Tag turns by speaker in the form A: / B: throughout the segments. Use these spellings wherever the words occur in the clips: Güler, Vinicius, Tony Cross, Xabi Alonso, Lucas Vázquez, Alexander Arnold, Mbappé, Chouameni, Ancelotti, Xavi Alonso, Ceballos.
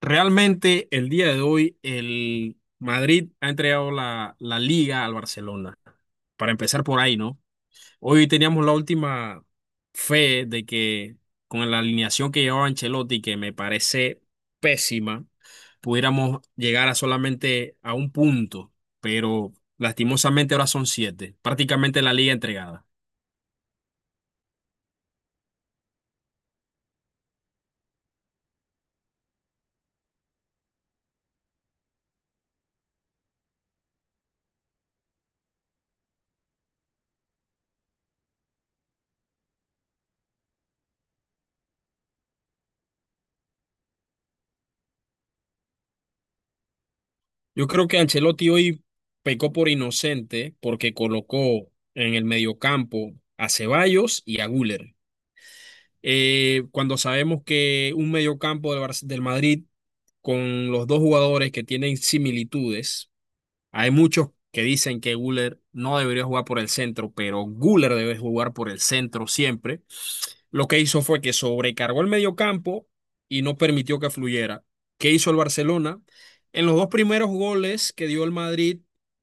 A: Realmente el día de hoy el Madrid ha entregado la liga al Barcelona. Para empezar por ahí, ¿no? Hoy teníamos la última fe de que con la alineación que llevaba Ancelotti, que me parece pésima, pudiéramos llegar a solamente a un punto, pero lastimosamente ahora son siete, prácticamente la liga entregada. Yo creo que Ancelotti hoy pecó por inocente porque colocó en el mediocampo a Ceballos y a Güler. Cuando sabemos que un mediocampo del Madrid con los dos jugadores que tienen similitudes, hay muchos que dicen que Guller no debería jugar por el centro, pero Guller debe jugar por el centro siempre. Lo que hizo fue que sobrecargó el mediocampo y no permitió que fluyera. ¿Qué hizo el Barcelona? En los dos primeros goles que dio el Madrid,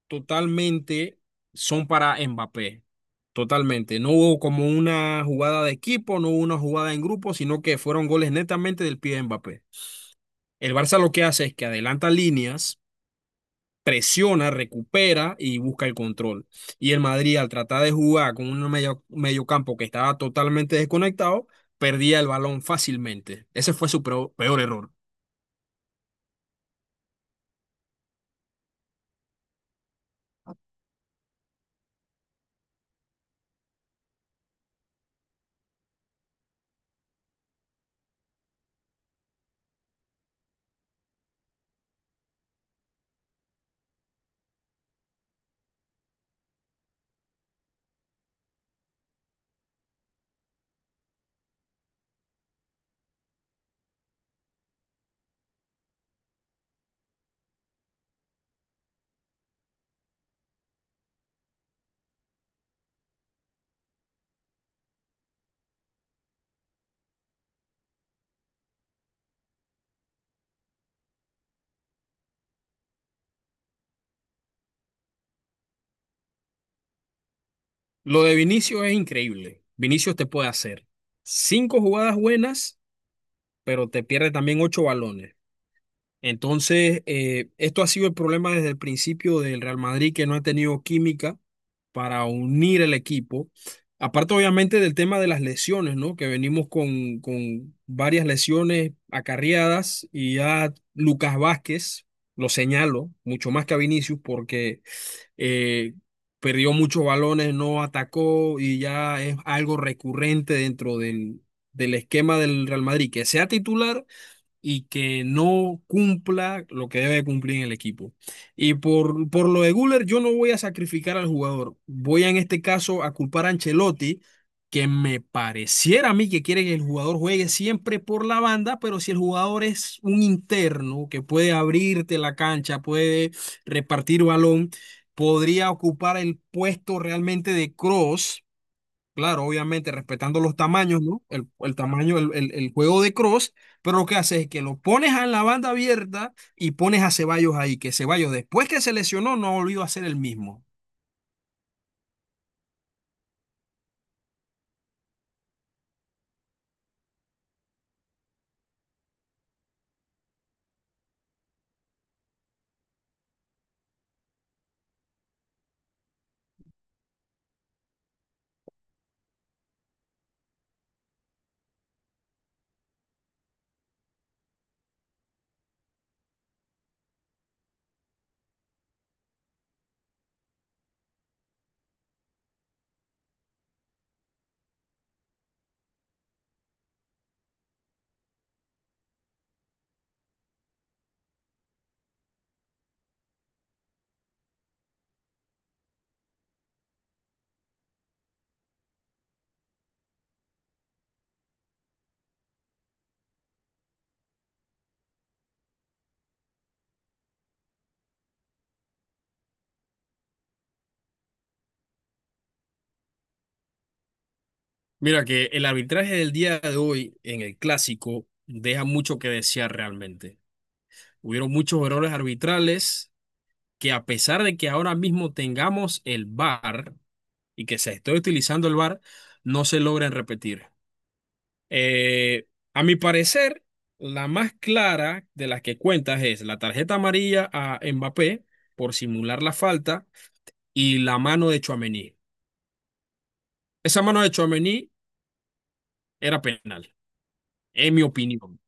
A: totalmente son para Mbappé. Totalmente. No hubo como una jugada de equipo, no hubo una jugada en grupo, sino que fueron goles netamente del pie de Mbappé. El Barça lo que hace es que adelanta líneas, presiona, recupera y busca el control. Y el Madrid, al tratar de jugar con un medio campo que estaba totalmente desconectado, perdía el balón fácilmente. Ese fue su peor error. Lo de Vinicius es increíble. Vinicius te puede hacer cinco jugadas buenas, pero te pierde también ocho balones. Entonces, esto ha sido el problema desde el principio del Real Madrid, que no ha tenido química para unir el equipo. Aparte, obviamente, del tema de las lesiones, ¿no? Que venimos con varias lesiones acarreadas y ya Lucas Vázquez, lo señalo, mucho más que a Vinicius, porque eh, perdió muchos balones, no atacó y ya es algo recurrente dentro del esquema del Real Madrid, que sea titular y que no cumpla lo que debe cumplir en el equipo. Y por lo de Guller, yo no voy a sacrificar al jugador. Voy a, en este caso, a culpar a Ancelotti, que me pareciera a mí que quiere que el jugador juegue siempre por la banda, pero si el jugador es un interno que puede abrirte la cancha, puede repartir balón, podría ocupar el puesto realmente de cross. Claro, obviamente respetando los tamaños, ¿no? El tamaño, el juego de Cross, pero lo que hace es que lo pones en la banda abierta y pones a Ceballos ahí, que Ceballos después que se lesionó no ha volvido a ser el mismo. Mira que el arbitraje del día de hoy en el clásico deja mucho que desear realmente. Hubieron muchos errores arbitrales que, a pesar de que ahora mismo tengamos el VAR y que se esté utilizando el VAR, no se logran repetir. Eh, a mi parecer, la más clara de las que cuentas es la tarjeta amarilla a Mbappé por simular la falta y la mano de Chouameni. Esa mano de Chouameni era penal, en mi opinión.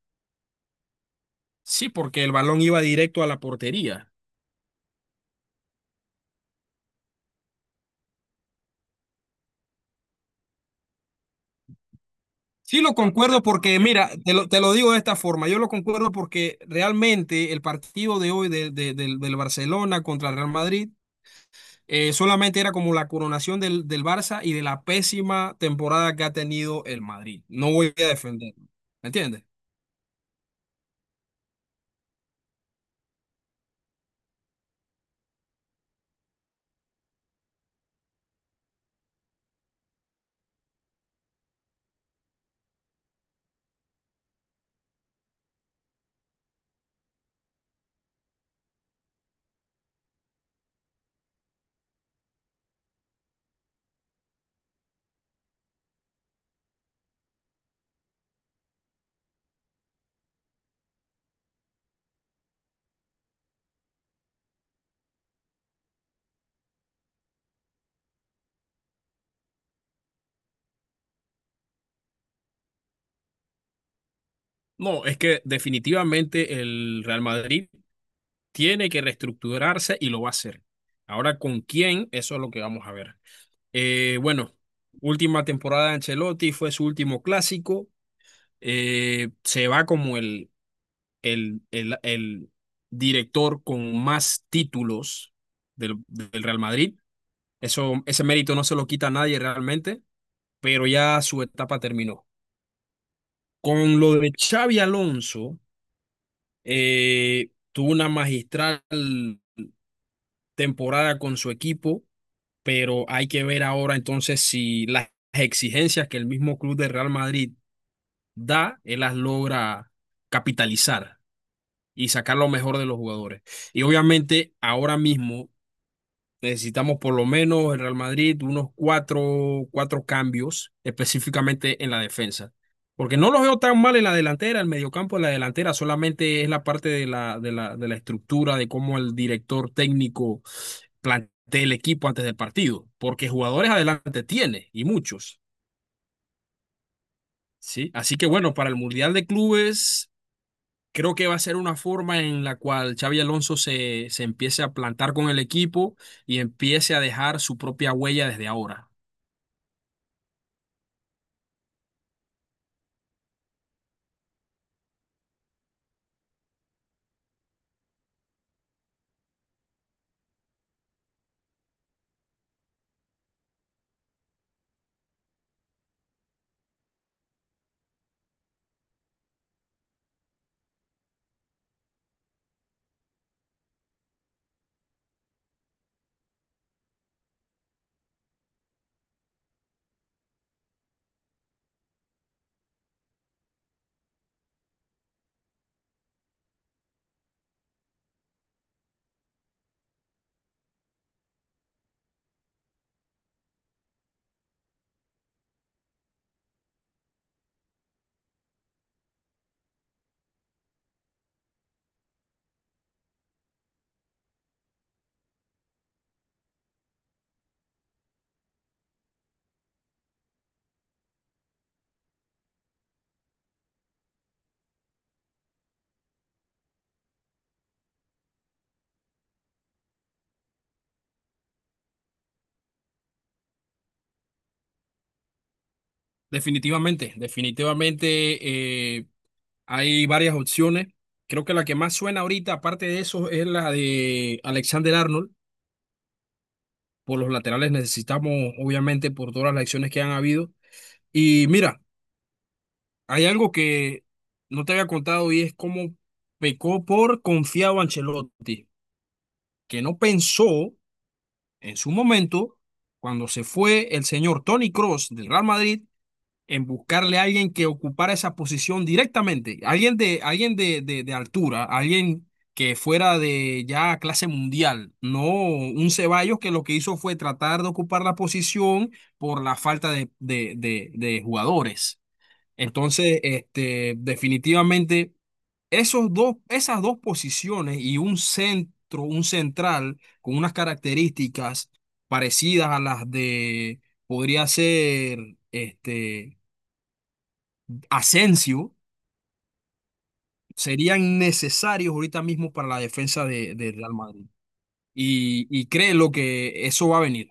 A: Sí, porque el balón iba directo a la portería. Sí, lo concuerdo porque, mira, te lo digo de esta forma, yo lo concuerdo porque realmente el partido de hoy del Barcelona contra el Real Madrid. Solamente era como la coronación del Barça y de la pésima temporada que ha tenido el Madrid. No voy a defenderlo. ¿Me entiendes? No, es que definitivamente el Real Madrid tiene que reestructurarse y lo va a hacer. Ahora, ¿con quién? Eso es lo que vamos a ver. Bueno, última temporada de Ancelotti, fue su último clásico. Se va como el director con más títulos del Real Madrid. Eso, ese mérito no se lo quita a nadie realmente, pero ya su etapa terminó. Con lo de Xavi Alonso, tuvo una magistral temporada con su equipo, pero hay que ver ahora entonces si las exigencias que el mismo club de Real Madrid da, él las logra capitalizar y sacar lo mejor de los jugadores. Y obviamente ahora mismo necesitamos por lo menos el Real Madrid unos cuatro cambios, específicamente en la defensa. Porque no los veo tan mal en la delantera, el mediocampo, en la delantera, solamente es la parte de la estructura, de cómo el director técnico plantea el equipo antes del partido. Porque jugadores adelante tiene, y muchos. ¿Sí? Así que bueno, para el Mundial de Clubes creo que va a ser una forma en la cual Xabi Alonso se empiece a plantar con el equipo y empiece a dejar su propia huella desde ahora. Definitivamente hay varias opciones. Creo que la que más suena ahorita, aparte de eso, es la de Alexander Arnold. Por los laterales necesitamos, obviamente, por todas las lesiones que han habido. Y mira, hay algo que no te había contado y es cómo pecó por confiado Ancelotti, que no pensó en su momento, cuando se fue el señor Tony Cross del Real Madrid, en buscarle a alguien que ocupara esa posición directamente, alguien de, alguien de altura, alguien que fuera de ya clase mundial, no un Ceballos que lo que hizo fue tratar de ocupar la posición por la falta de jugadores. Entonces, este, definitivamente esos dos, esas dos posiciones y un centro, un central con unas características parecidas a las de, podría ser, este, Asensio, serían necesarios ahorita mismo para la defensa de Real Madrid. Y créelo que eso va a venir.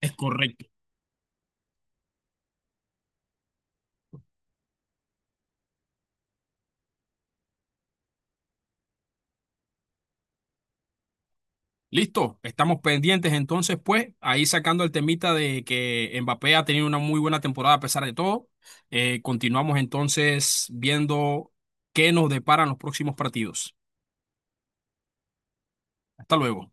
A: Es correcto. Listo, estamos pendientes entonces, pues, ahí sacando el temita de que Mbappé ha tenido una muy buena temporada a pesar de todo. Continuamos entonces viendo qué nos deparan los próximos partidos. Hasta luego.